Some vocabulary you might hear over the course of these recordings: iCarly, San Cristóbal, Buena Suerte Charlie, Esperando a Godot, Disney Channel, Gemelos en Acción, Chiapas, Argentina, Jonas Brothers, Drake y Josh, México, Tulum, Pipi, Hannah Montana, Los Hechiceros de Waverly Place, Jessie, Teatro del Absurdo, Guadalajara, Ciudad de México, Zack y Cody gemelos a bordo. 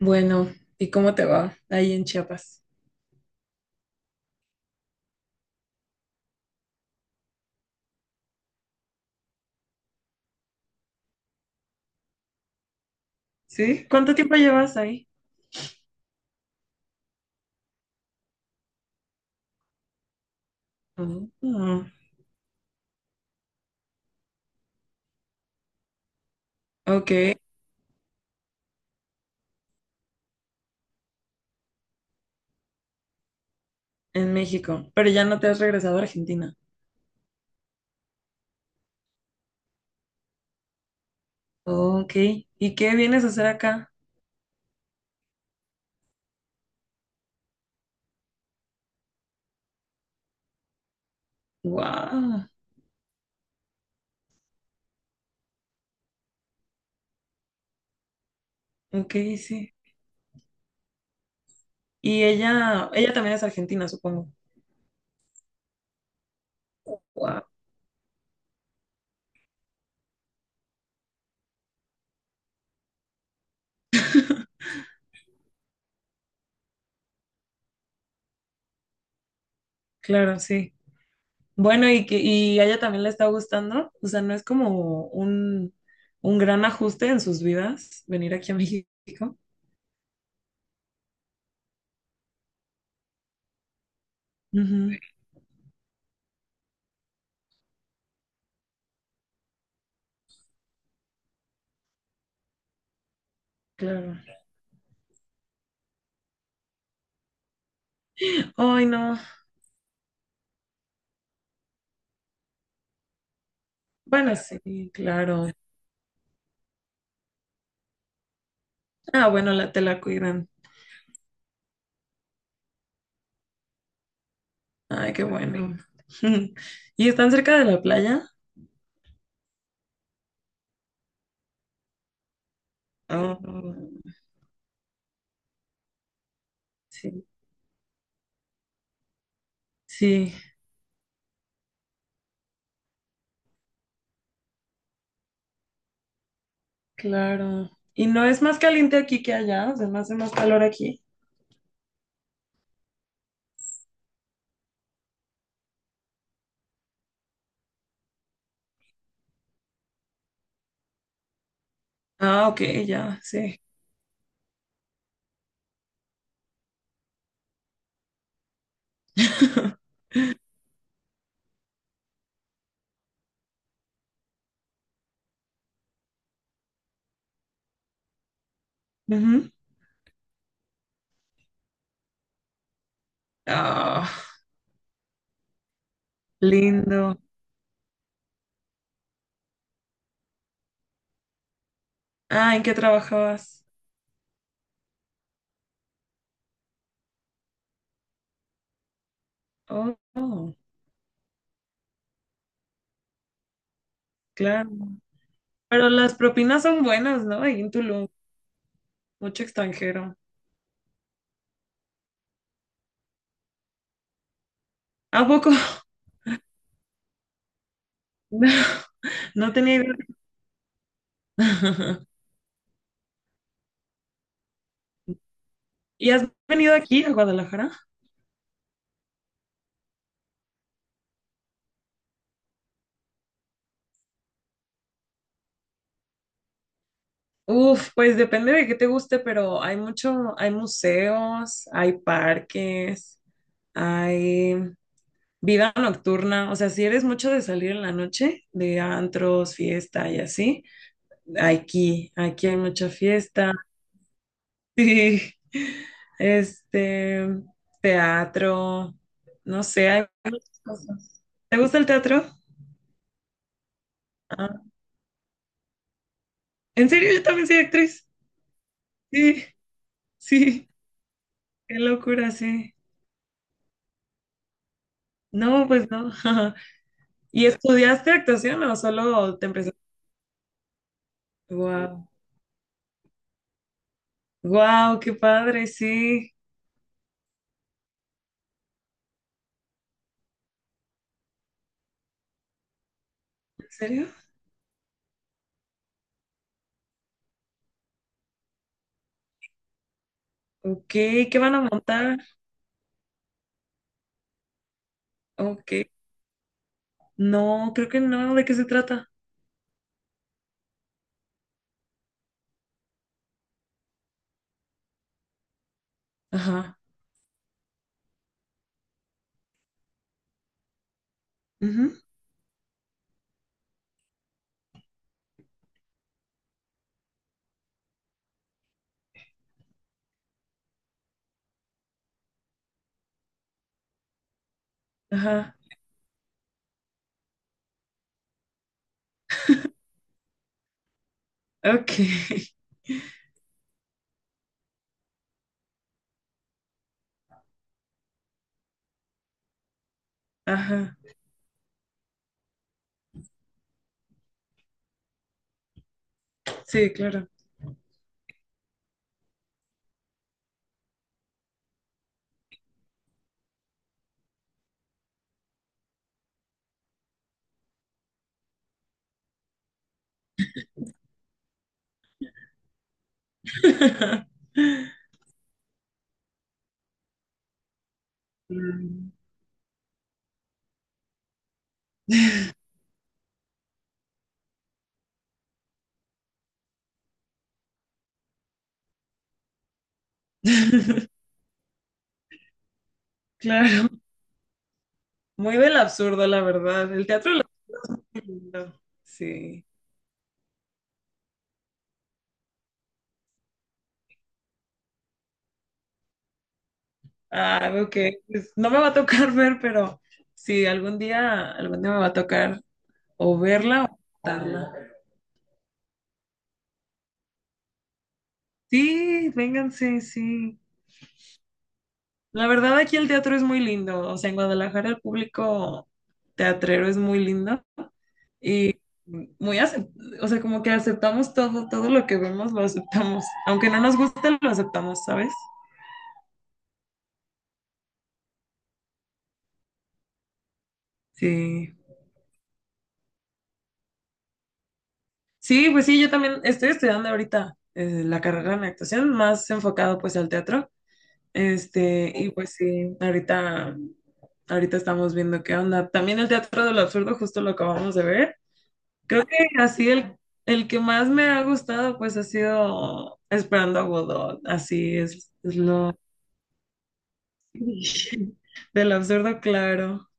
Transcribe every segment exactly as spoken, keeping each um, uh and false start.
Bueno, ¿y cómo te va ahí en Chiapas? ¿Sí? ¿Cuánto tiempo llevas ahí? Oh, ah, ok, en México, pero ya no te has regresado a Argentina. Ok. ¿Y qué vienes a hacer acá? Wow. Ok, sí. Y ella, ella también es argentina, supongo. Wow. Claro, sí. Bueno, y que, y a ella también le está gustando. O sea, no es como un, un gran ajuste en sus vidas venir aquí a México. Ujú, claro. Ay, no. Bueno, sí, claro. Ah, bueno, la, te la cuidan. Ay, qué bueno. ¿Y están cerca de la playa? Ah, sí, sí, claro. ¿Y no es más caliente aquí que allá? O sea, ¿no hace más calor aquí? Ah, ok, ya, sí. Ujú. Ah, lindo. Ah, ¿en qué trabajabas? Oh, oh, claro. Pero las propinas son buenas, ¿no? Ahí en Tulum, mucho extranjero. ¿A poco? No, no tenía idea. ¿Y has venido aquí a Guadalajara? Uf, pues depende de qué te guste, pero hay mucho, hay museos, hay parques, hay vida nocturna. O sea, si eres mucho de salir en la noche, de antros, fiesta y así, aquí, aquí hay mucha fiesta. Sí, este, teatro, no sé, hay muchas cosas. ¿Te gusta el teatro? Ah, ¿en serio? Yo también soy actriz. Sí, sí, qué locura, sí. No, pues no. ¿Y estudiaste actuación o solo te empezaste? Wow, wow, qué padre, sí. ¿En serio? Ok, ¿qué van a montar? Ok. No, creo que no, ¿de qué se trata? Ajá. Ujú. Ajá. Ok. Ajá. Sí, claro. Mm. Claro. Muy del absurdo, la verdad. El teatro del absurdo. Sí. Ah, ok. Pues, no me va a tocar ver, pero sí, algún día, algún día me va a tocar. O verla o matarla. Sí, vénganse, sí. La verdad, aquí el teatro es muy lindo. O sea, en Guadalajara el público teatrero es muy lindo y muy, acep- o sea, como que aceptamos todo, todo lo que vemos lo aceptamos. Aunque no nos guste, lo aceptamos, ¿sabes? Sí. Sí, pues sí, yo también estoy estudiando ahorita eh, la carrera en actuación, más enfocado pues al teatro. Este, y pues sí, ahorita, ahorita estamos viendo qué onda. También el Teatro del Absurdo, justo lo acabamos de ver. Creo que así el, el que más me ha gustado, pues ha sido Esperando a Godot. Así es, es lo del absurdo, claro.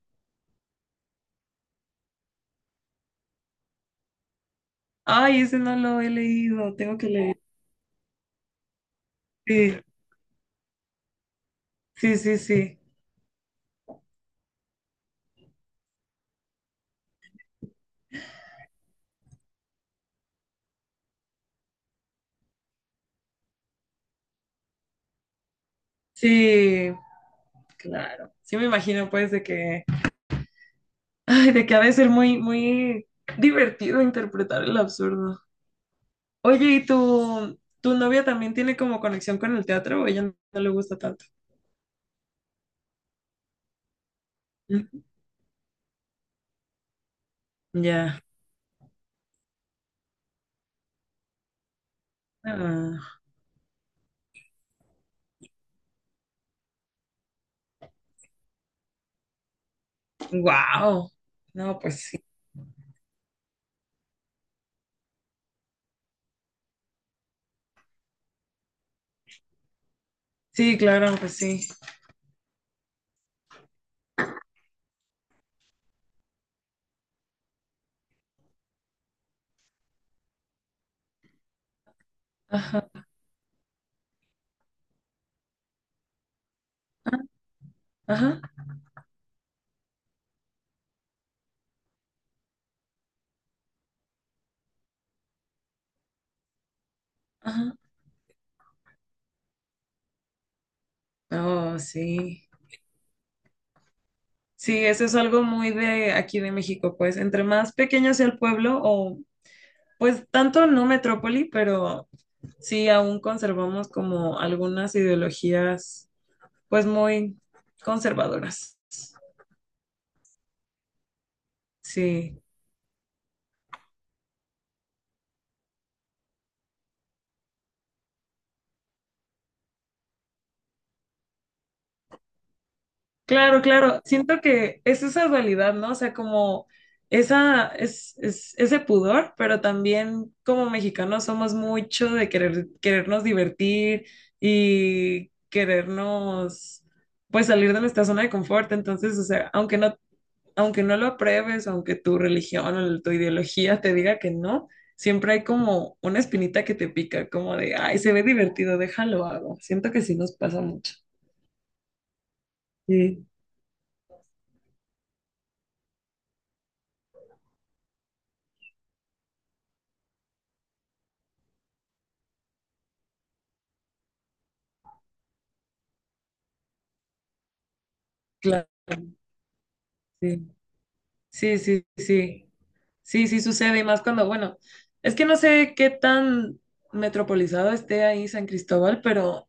Ay, ese no lo he leído, tengo que leer. Sí, sí, sí, sí. Sí, claro. Sí me imagino pues de que, ay, de que ha de ser muy, muy divertido interpretar el absurdo. Oye, ¿y tu, tu novia también tiene como conexión con el teatro o ella no, no le gusta tanto? Ujú, ya. Wow. No, pues sí. Sí, claro, pues sí. Ajá, ajá, ajá. Oh, sí. Sí, eso es algo muy de aquí de México, pues entre más pequeño sea el pueblo o pues tanto no metrópoli, pero sí aún conservamos como algunas ideologías pues muy conservadoras. Sí. Claro, claro. Siento que es esa dualidad, ¿no? O sea, como esa, es, es- ese pudor, pero también como mexicanos somos mucho de querer, querernos divertir y querernos, pues, salir de nuestra zona de confort. Entonces, o sea, aunque no, aunque no lo apruebes, aunque tu religión o tu ideología te diga que no, siempre hay como una espinita que te pica, como de, ay, se ve divertido, déjalo hago. Siento que sí nos pasa mucho. Sí, claro. Sí. Sí, sí, sí. Sí, sí sucede, y más cuando, bueno, es que no sé qué tan metropolizado esté ahí San Cristóbal, pero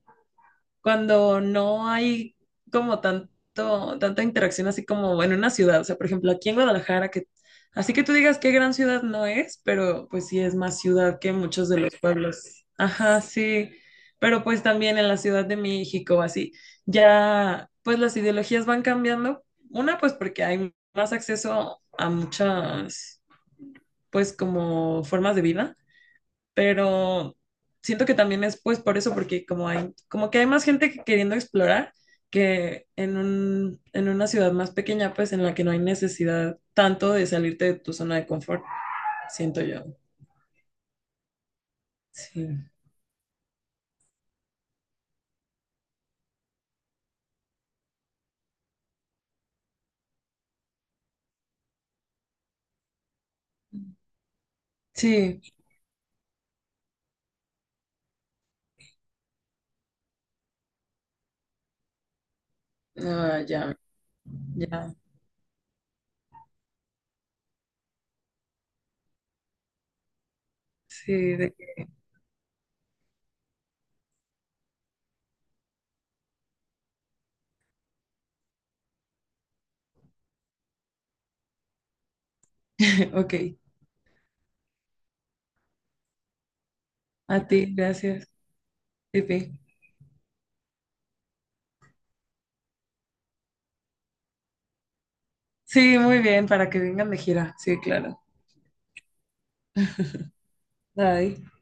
cuando no hay como tanto, tanta interacción así como en una ciudad. O sea, por ejemplo, aquí en Guadalajara, que así que tú digas qué gran ciudad no es, pero pues sí es más ciudad que muchos de los pueblos. Ajá, sí. Pero pues también en la Ciudad de México, así, ya pues las ideologías van cambiando. Una, pues porque hay más acceso a muchas, pues como formas de vida, pero siento que también es pues por eso, porque como hay, como que hay más gente que- queriendo explorar que en un, en una ciudad más pequeña, pues en la que no hay necesidad tanto de salirte de tu zona de confort, siento yo. Sí, sí, ah, ya, ya, sí, de que- ok, a ti, gracias, Pipi. Sí, muy bien, para que vengan de gira, sí, claro. Bye.